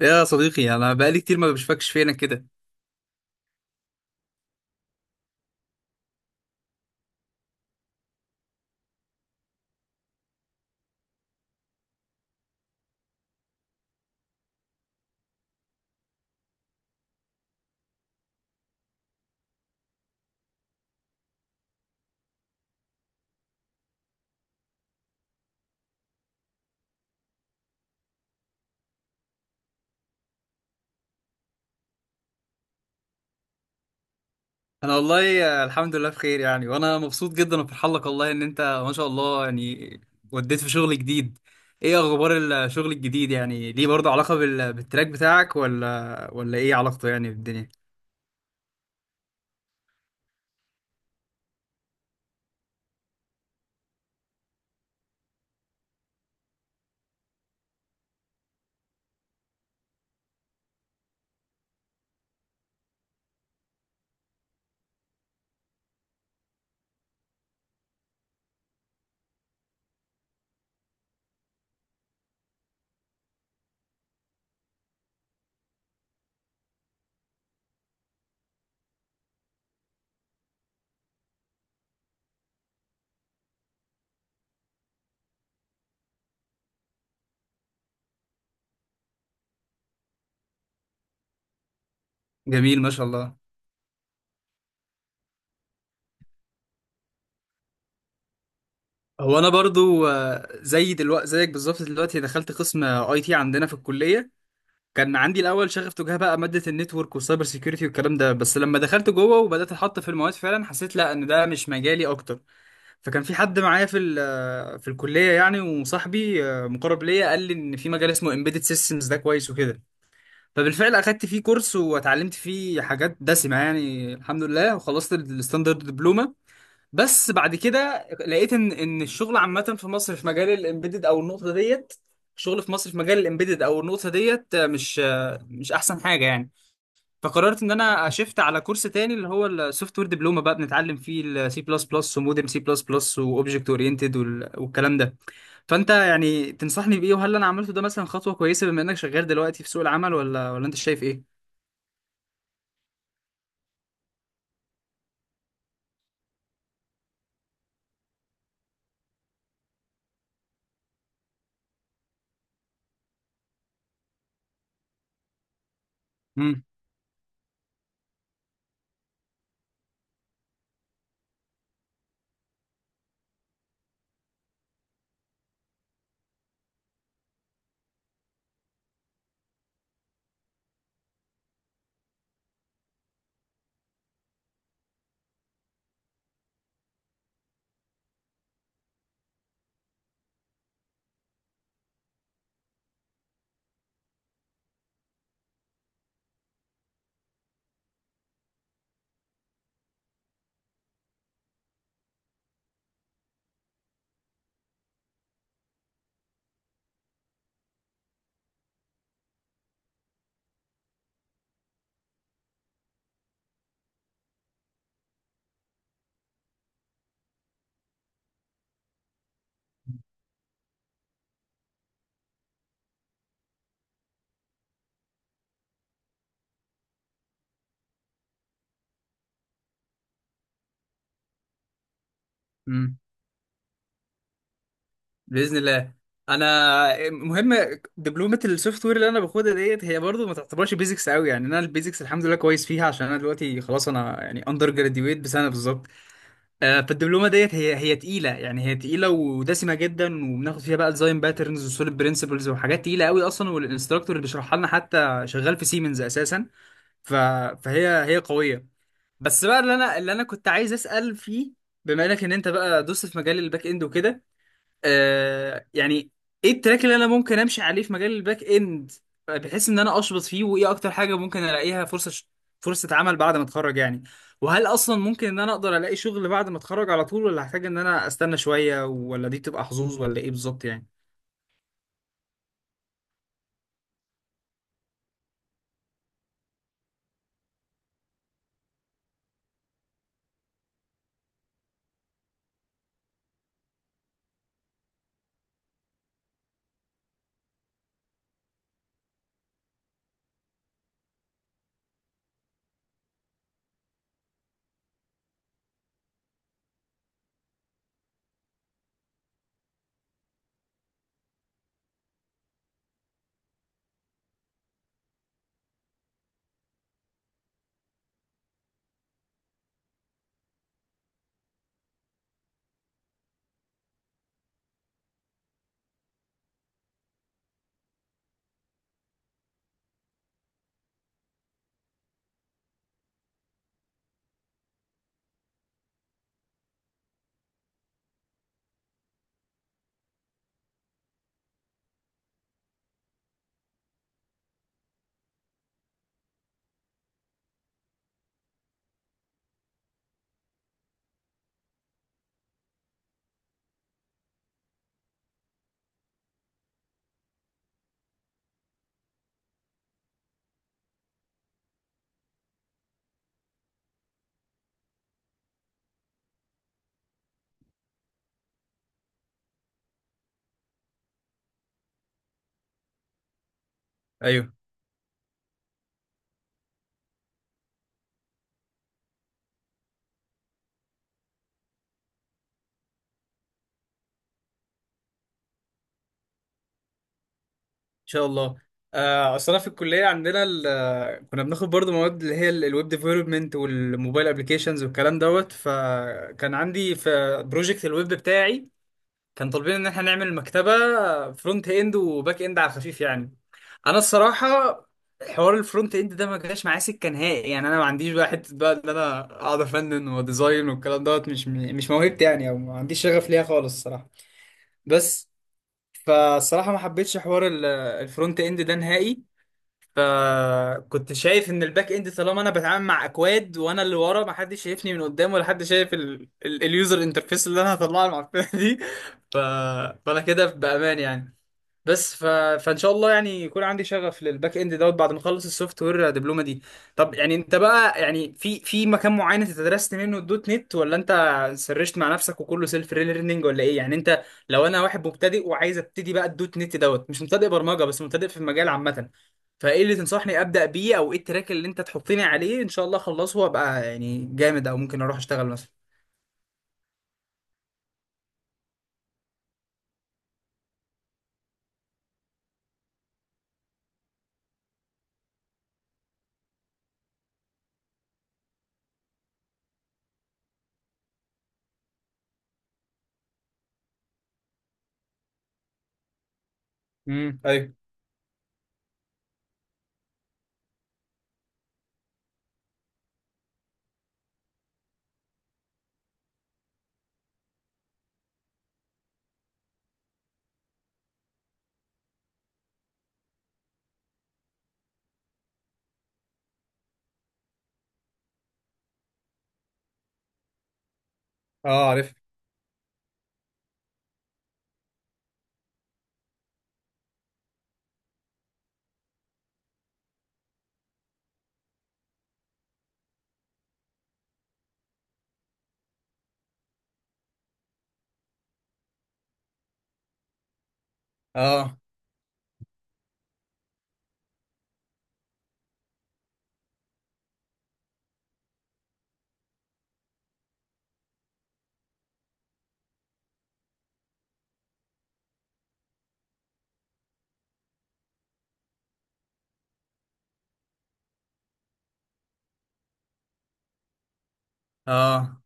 يا صديقي انا بقالي كتير ما بشوفكش فينا كده. انا والله الحمد لله بخير يعني، وانا مبسوط جدا وفرحان لك والله، ان انت ما شاء الله يعني وديت في شغل جديد. ايه اخبار الشغل الجديد؟ يعني ليه برضه علاقة بالتراك بتاعك، ولا ايه علاقته يعني بالدنيا؟ جميل ما شاء الله. هو انا برضو زي دلوقتي زيك بالظبط، دلوقتي دخلت قسم اي تي عندنا في الكلية. كان عندي الاول شغف تجاه بقى ماده النتورك والسايبر سيكيورتي والكلام ده، بس لما دخلت جوه وبدات احط في المواد فعلا حسيت لا، ان ده مش مجالي اكتر. فكان في حد معايا في في الكليه يعني وصاحبي مقرب ليا، قال لي ان في مجال اسمه امبيدد سيستمز ده كويس وكده. فبالفعل اخدت فيه كورس واتعلمت فيه حاجات دسمه يعني الحمد لله، وخلصت الستاندرد دبلومه. بس بعد كده لقيت ان الشغل عامه في مصر في مجال الامبيدد او النقطه ديت. الشغل في مصر في مجال الامبيدد او النقطه ديت مش احسن حاجه يعني. فقررت ان انا اشفت على كورس تاني، اللي هو السوفت وير دبلومه، بقى بنتعلم فيه السي بلس بلس ومودرن سي بلس بلس واوبجكت اورينتد والكلام ده. فانت يعني تنصحني بايه؟ وهل انا عملته ده مثلا خطوه كويسه بما انك شغال دلوقتي في سوق العمل، ولا انت شايف ايه؟ امم. امم. باذن الله. انا مهم دبلومه السوفت وير اللي انا باخدها ديت هي برضو ما تعتبرش بيزكس قوي، يعني انا البيزكس الحمد لله كويس فيها، عشان انا دلوقتي خلاص انا يعني اندر جراديويت بسنه بالظبط. فالدبلومه ديت هي تقيله، يعني هي تقيله ودسمه جدا، وبناخد فيها بقى ديزاين باترنز وسوليد برنسبلز وحاجات تقيله قوي اصلا، والانستراكتور اللي بيشرحها لنا حتى شغال في سيمنز اساسا. ف... فهي هي قويه. بس بقى اللي انا كنت عايز اسال فيه، بما انك انت بقى دوست في مجال الباك اند وكده، آه يعني ايه التراك اللي انا ممكن امشي عليه في مجال الباك اند، بحيث ان انا اشبط فيه؟ وايه اكتر حاجه ممكن الاقيها فرصه عمل بعد ما اتخرج يعني؟ وهل اصلا ممكن ان انا اقدر الاقي شغل بعد ما اتخرج على طول، ولا هحتاج ان انا استنى شويه، ولا دي تبقى حظوظ، ولا ايه بالظبط يعني؟ ايوه ان شاء الله. اصل انا في الكليه عندنا كنا بناخد برضو مواد اللي هي الويب ديفلوبمنت والموبايل ابلكيشنز والكلام دوت، فكان عندي في بروجكت الويب بتاعي كان طالبين ان احنا نعمل مكتبه فرونت اند وباك اند على الخفيف يعني. انا الصراحه حوار الفرونت اند ده ما جاش معايا سكه نهائي، يعني انا ما عنديش بقى حته بقى ان انا اقعد افنن وديزاين والكلام دوت، مش موهبتي يعني، او ما عنديش شغف ليها خالص الصراحه. بس فالصراحه ما حبيتش حوار الفرونت اند ده نهائي. فكنت شايف ان الباك اند طالما انا بتعامل مع اكواد، وانا اللي ورا ما حدش شايفني من قدام، ولا حد شايف اليوزر انترفيس اللي انا هطلعها المعفنه دي. ف... فانا كده بامان يعني. بس ف... فان شاء الله يعني يكون عندي شغف للباك اند دوت بعد ما اخلص السوفت وير دبلومه دي. طب يعني انت بقى يعني في مكان معين انت درست منه الدوت نت، ولا انت سرشت مع نفسك وكله سيلف ليرنينج، ولا ايه يعني انت؟ لو انا واحد مبتدئ وعايز ابتدي بقى الدوت نت دوت، مش مبتدئ برمجه بس مبتدئ في المجال عامه، فايه اللي تنصحني ابدا بيه؟ او ايه التراك اللي انت تحطني عليه ان شاء الله اخلصه وابقى يعني جامد، او ممكن اروح اشتغل مثلا؟ امم. ايوه. اه، عارف. اه، اه،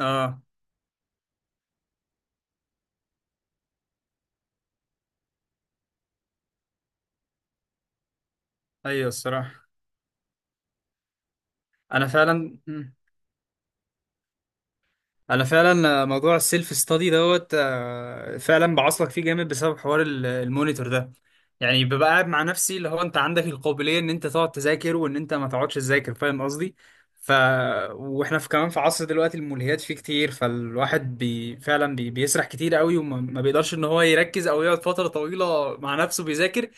اه. ايوه الصراحه انا فعلا، موضوع السيلف ستادي دوت فعلا بعصلك فيه جامد بسبب حوار المونيتور ده. يعني ببقى قاعد مع نفسي اللي هو انت عندك القابليه ان انت تقعد تذاكر، وان انت ما تقعدش تذاكر، فاهم قصدي؟ ف واحنا في كمان في عصر دلوقتي الملهيات فيه كتير، فالواحد بيسرح كتير قوي، وما ما بيقدرش ان هو يركز او يقعد فتره طويله مع نفسه بيذاكر،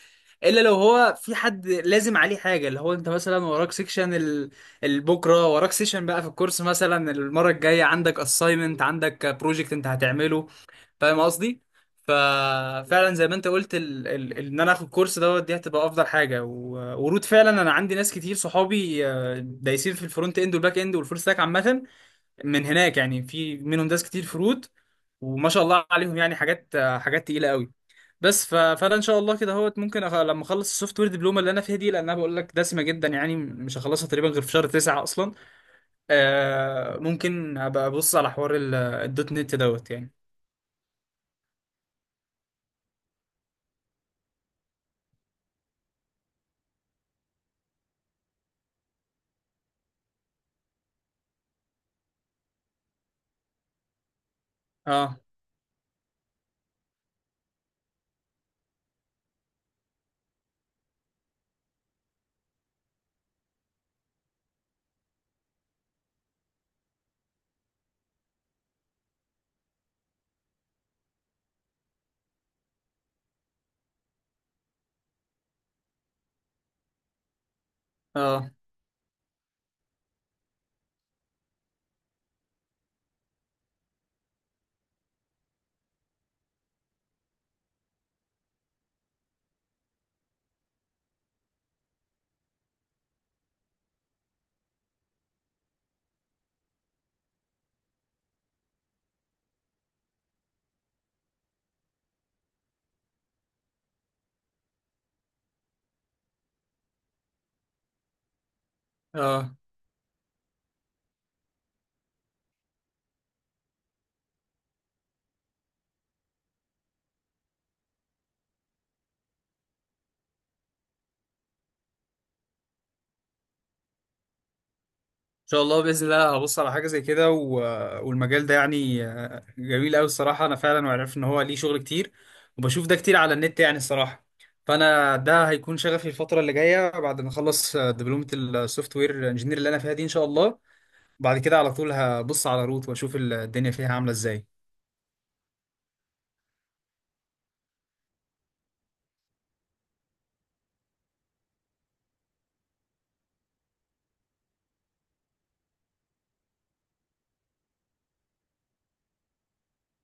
الا لو هو في حد لازم عليه حاجه، اللي هو انت مثلا وراك سيكشن البكره، وراك سيكشن بقى في الكورس، مثلا المره الجايه عندك اساينمنت، عندك بروجكت انت هتعمله، فاهم قصدي؟ ففعلا زي ما انت قلت، ان انا اخد كورس دوت دي هتبقى افضل حاجه. ورود فعلا انا عندي ناس كتير صحابي دايسين في الفرونت اند والباك اند والفول ستاك عامه، من هناك يعني، في منهم ناس كتير في رود، وما شاء الله عليهم يعني حاجات، حاجات تقيله قوي. فانا ان شاء الله كده اهوت ممكن لما اخلص السوفت وير دبلومه اللي انا فيها دي، لان انا بقول لك دسمه جدا يعني، مش هخلصها تقريبا غير في شهر تسعة اصلا. آه، ممكن ابقى ابص على حوار الدوت نت دوت يعني. اه. اه. اه. ان شاء الله، باذن الله هبص على حاجه زي كده. والمجال ده يعني جميل قوي الصراحه، انا فعلا وعرفت ان هو ليه شغل كتير، وبشوف ده كتير على النت يعني الصراحه. فانا ده هيكون شغفي الفتره اللي جايه بعد ما اخلص دبلومه السوفت وير انجينير اللي انا فيها دي ان شاء الله. بعد كده على طول هبص على روت واشوف الدنيا فيها عامله ازاي.